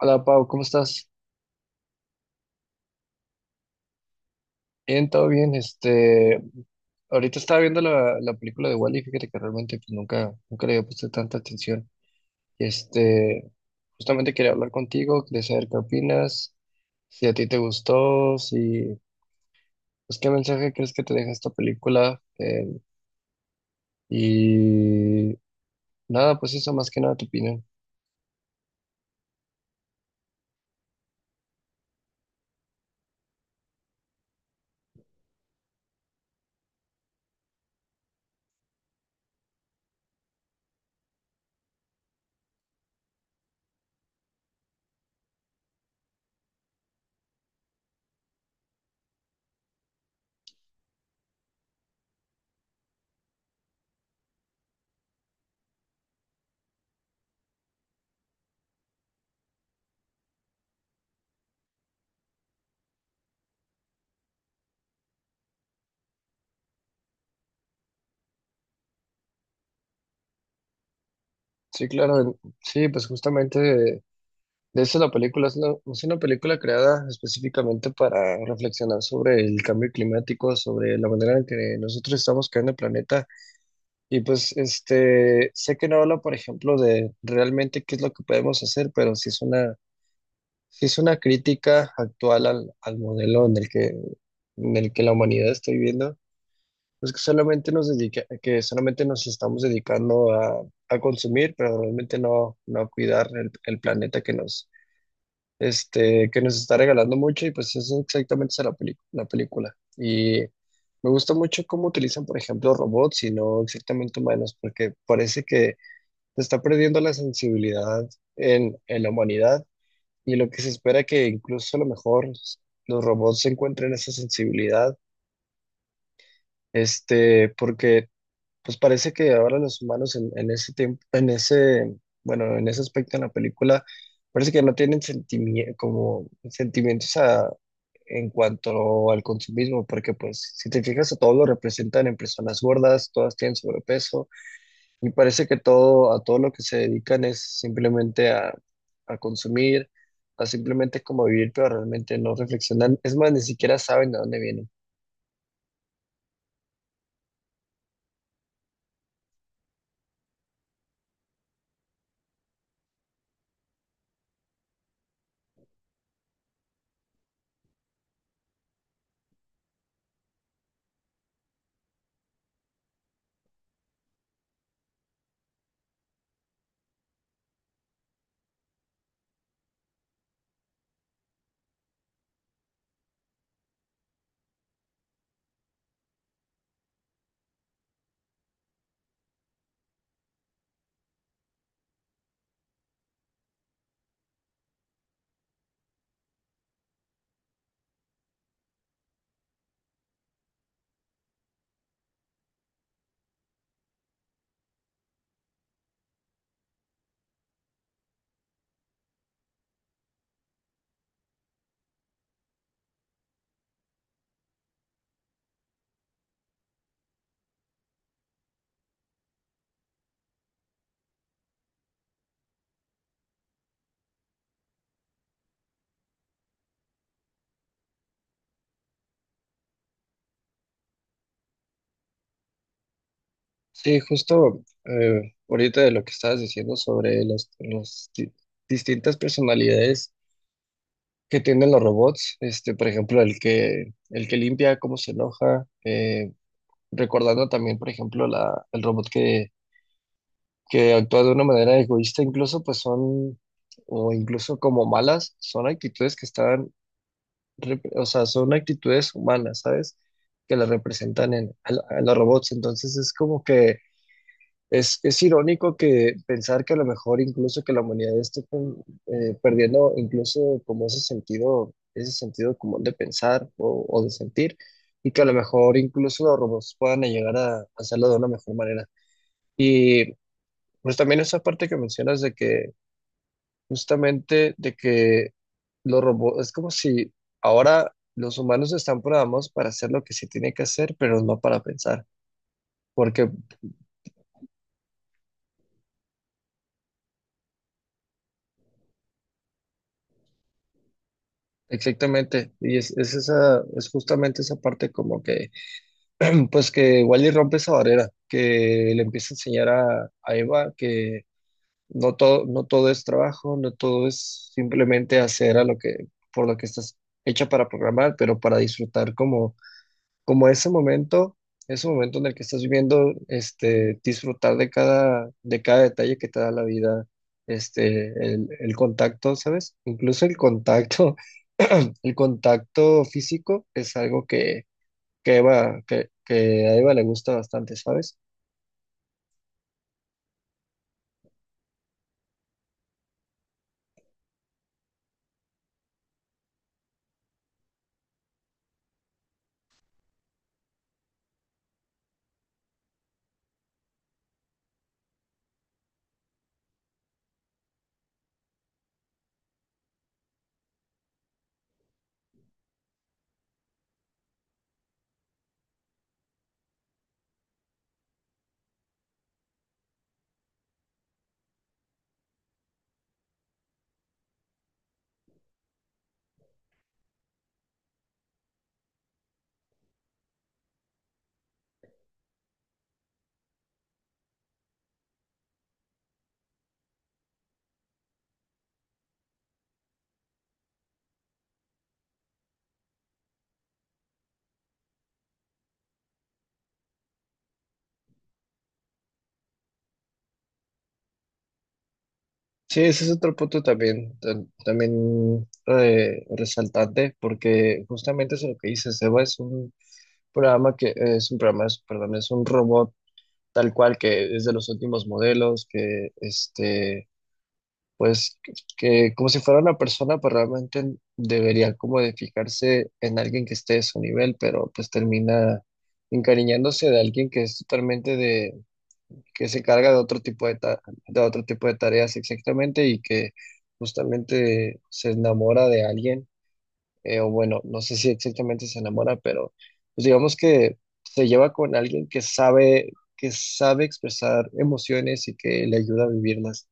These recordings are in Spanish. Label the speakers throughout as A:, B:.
A: Hola Pau, ¿cómo estás? Bien, todo bien. Ahorita estaba viendo la película de Wall-E. Fíjate que realmente pues, nunca le había puesto tanta atención. Este, Justamente quería hablar contigo, quería saber qué opinas, si a ti te gustó, si, pues qué mensaje crees que te deja esta película. Y nada, pues eso más que nada tu opinión. Sí, claro, sí, pues justamente de hecho, la película es es una película creada específicamente para reflexionar sobre el cambio climático, sobre la manera en que nosotros estamos creando el planeta. Y pues, sé que no habla, por ejemplo, de realmente qué es lo que podemos hacer, pero sí es sí es una crítica actual al modelo en el en el que la humanidad está viviendo. Que solamente nos estamos dedicando a consumir, pero realmente no a cuidar el planeta que que nos está regalando mucho. Y pues eso exactamente es la película. Y me gusta mucho cómo utilizan, por ejemplo, robots y no exactamente humanos, porque parece que se está perdiendo la sensibilidad en la humanidad, y lo que se espera que incluso a lo mejor los robots encuentren esa sensibilidad, porque pues parece que ahora los humanos en ese tiempo, en ese, bueno, en ese aspecto en la película, parece que no tienen como sentimientos en cuanto al consumismo, porque pues si te fijas a todos lo representan en personas gordas, todas tienen sobrepeso, y parece que a todo lo que se dedican es simplemente a consumir, a simplemente como vivir, pero realmente no reflexionan. Es más, ni siquiera saben de dónde vienen. Sí, justo ahorita de lo que estabas diciendo sobre las distintas personalidades que tienen los robots, este, por ejemplo, el que limpia, cómo se enoja, recordando también, por ejemplo, el robot que actúa de una manera egoísta, incluso, pues son, o incluso como malas, son actitudes que están, o sea, son actitudes humanas, ¿sabes? Que las representan a los robots, entonces es como que es irónico que pensar que a lo mejor incluso que la humanidad esté perdiendo incluso como ese sentido común de pensar o de sentir, y que a lo mejor incluso los robots puedan llegar a hacerlo de una mejor manera. Y pues también esa parte que mencionas de que justamente de que los robots, es como si ahora los humanos están programados para hacer lo que se tiene que hacer, pero no para pensar. Porque exactamente, y es esa, es justamente esa parte como que, pues que Wally rompe esa barrera, que le empieza a enseñar a Eva que no todo es trabajo, no todo es simplemente hacer a lo que, por lo que estás hecha para programar, pero para disfrutar como como ese momento en el que estás viviendo, este, disfrutar de cada detalle que te da la vida, este, el contacto, ¿sabes? Incluso el contacto, el contacto físico es algo que Eva, que a Eva le gusta bastante, ¿sabes? Sí, ese es otro punto también, también resaltante, porque justamente es lo que dices. Eva es un programa es un programa, perdón, es un robot tal cual, que es de los últimos modelos, que este, pues que como si fuera una persona, pues realmente debería como de fijarse en alguien que esté de su nivel, pero pues termina encariñándose de alguien que es totalmente que se carga de otro tipo de otro tipo de tareas exactamente, y que justamente se enamora de alguien o bueno, no sé si exactamente se enamora, pero pues digamos que se lleva con alguien que sabe expresar emociones y que le ayuda a vivirlas.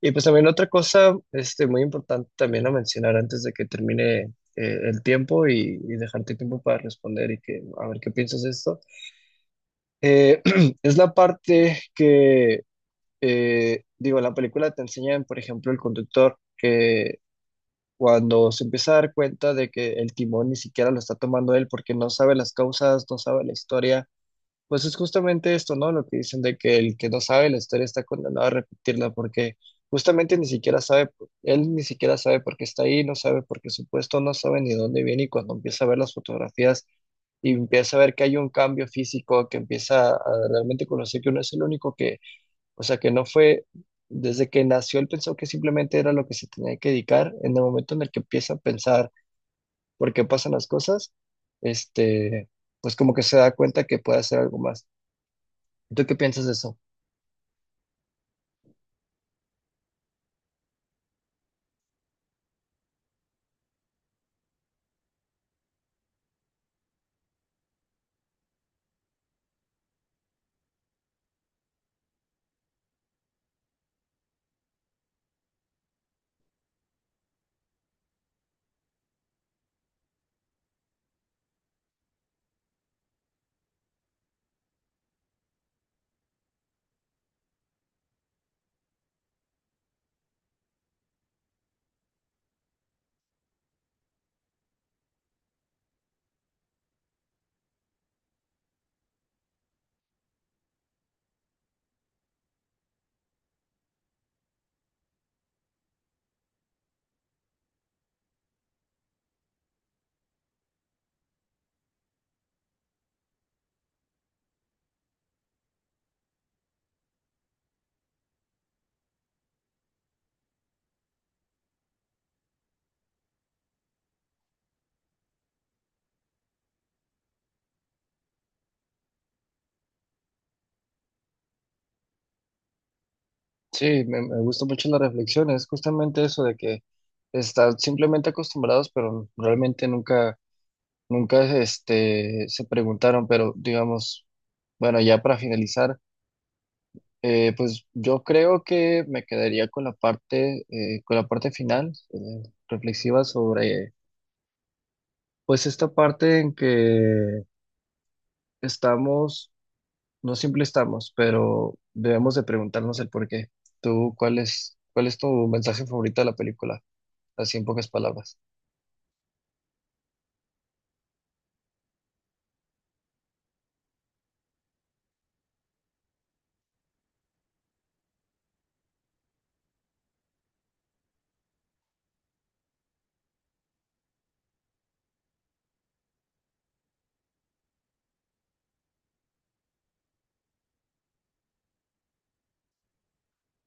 A: Y pues también otra cosa, este, muy importante también a mencionar antes de que termine el tiempo y dejarte tiempo para responder y que a ver qué piensas de esto. eh, es la parte que, digo, la película te enseña por ejemplo, el conductor que cuando se empieza a dar cuenta de que el timón ni siquiera lo está tomando él porque no sabe las causas, no sabe la historia, pues es justamente esto, ¿no? Lo que dicen de que el que no sabe la historia está condenado a repetirla, porque justamente ni siquiera sabe, él ni siquiera sabe por qué está ahí, no sabe por qué su puesto, no sabe ni dónde viene, y cuando empieza a ver las fotografías y empieza a ver que hay un cambio físico, que empieza a realmente conocer que no es el único que, o sea que no fue, desde que nació él pensó que simplemente era lo que se tenía que dedicar. En el momento en el que empieza a pensar por qué pasan las cosas, este, pues como que se da cuenta que puede hacer algo más. ¿Tú qué piensas de eso? Sí, me gusta mucho la reflexión, es justamente eso de que están simplemente acostumbrados, pero realmente nunca, se preguntaron, pero digamos, bueno, ya para finalizar. Pues yo creo que me quedaría con la parte final, reflexiva sobre, pues esta parte en que estamos, no siempre estamos, pero debemos de preguntarnos el por qué. ¿Tú cuál es tu mensaje favorito de la película? Así en pocas palabras.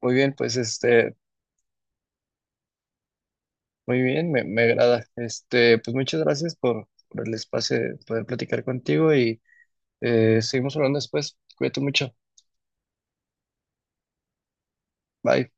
A: Muy bien, pues este, muy bien, me agrada. Este, pues muchas gracias por el espacio de poder platicar contigo y seguimos hablando después. Cuídate mucho. Bye.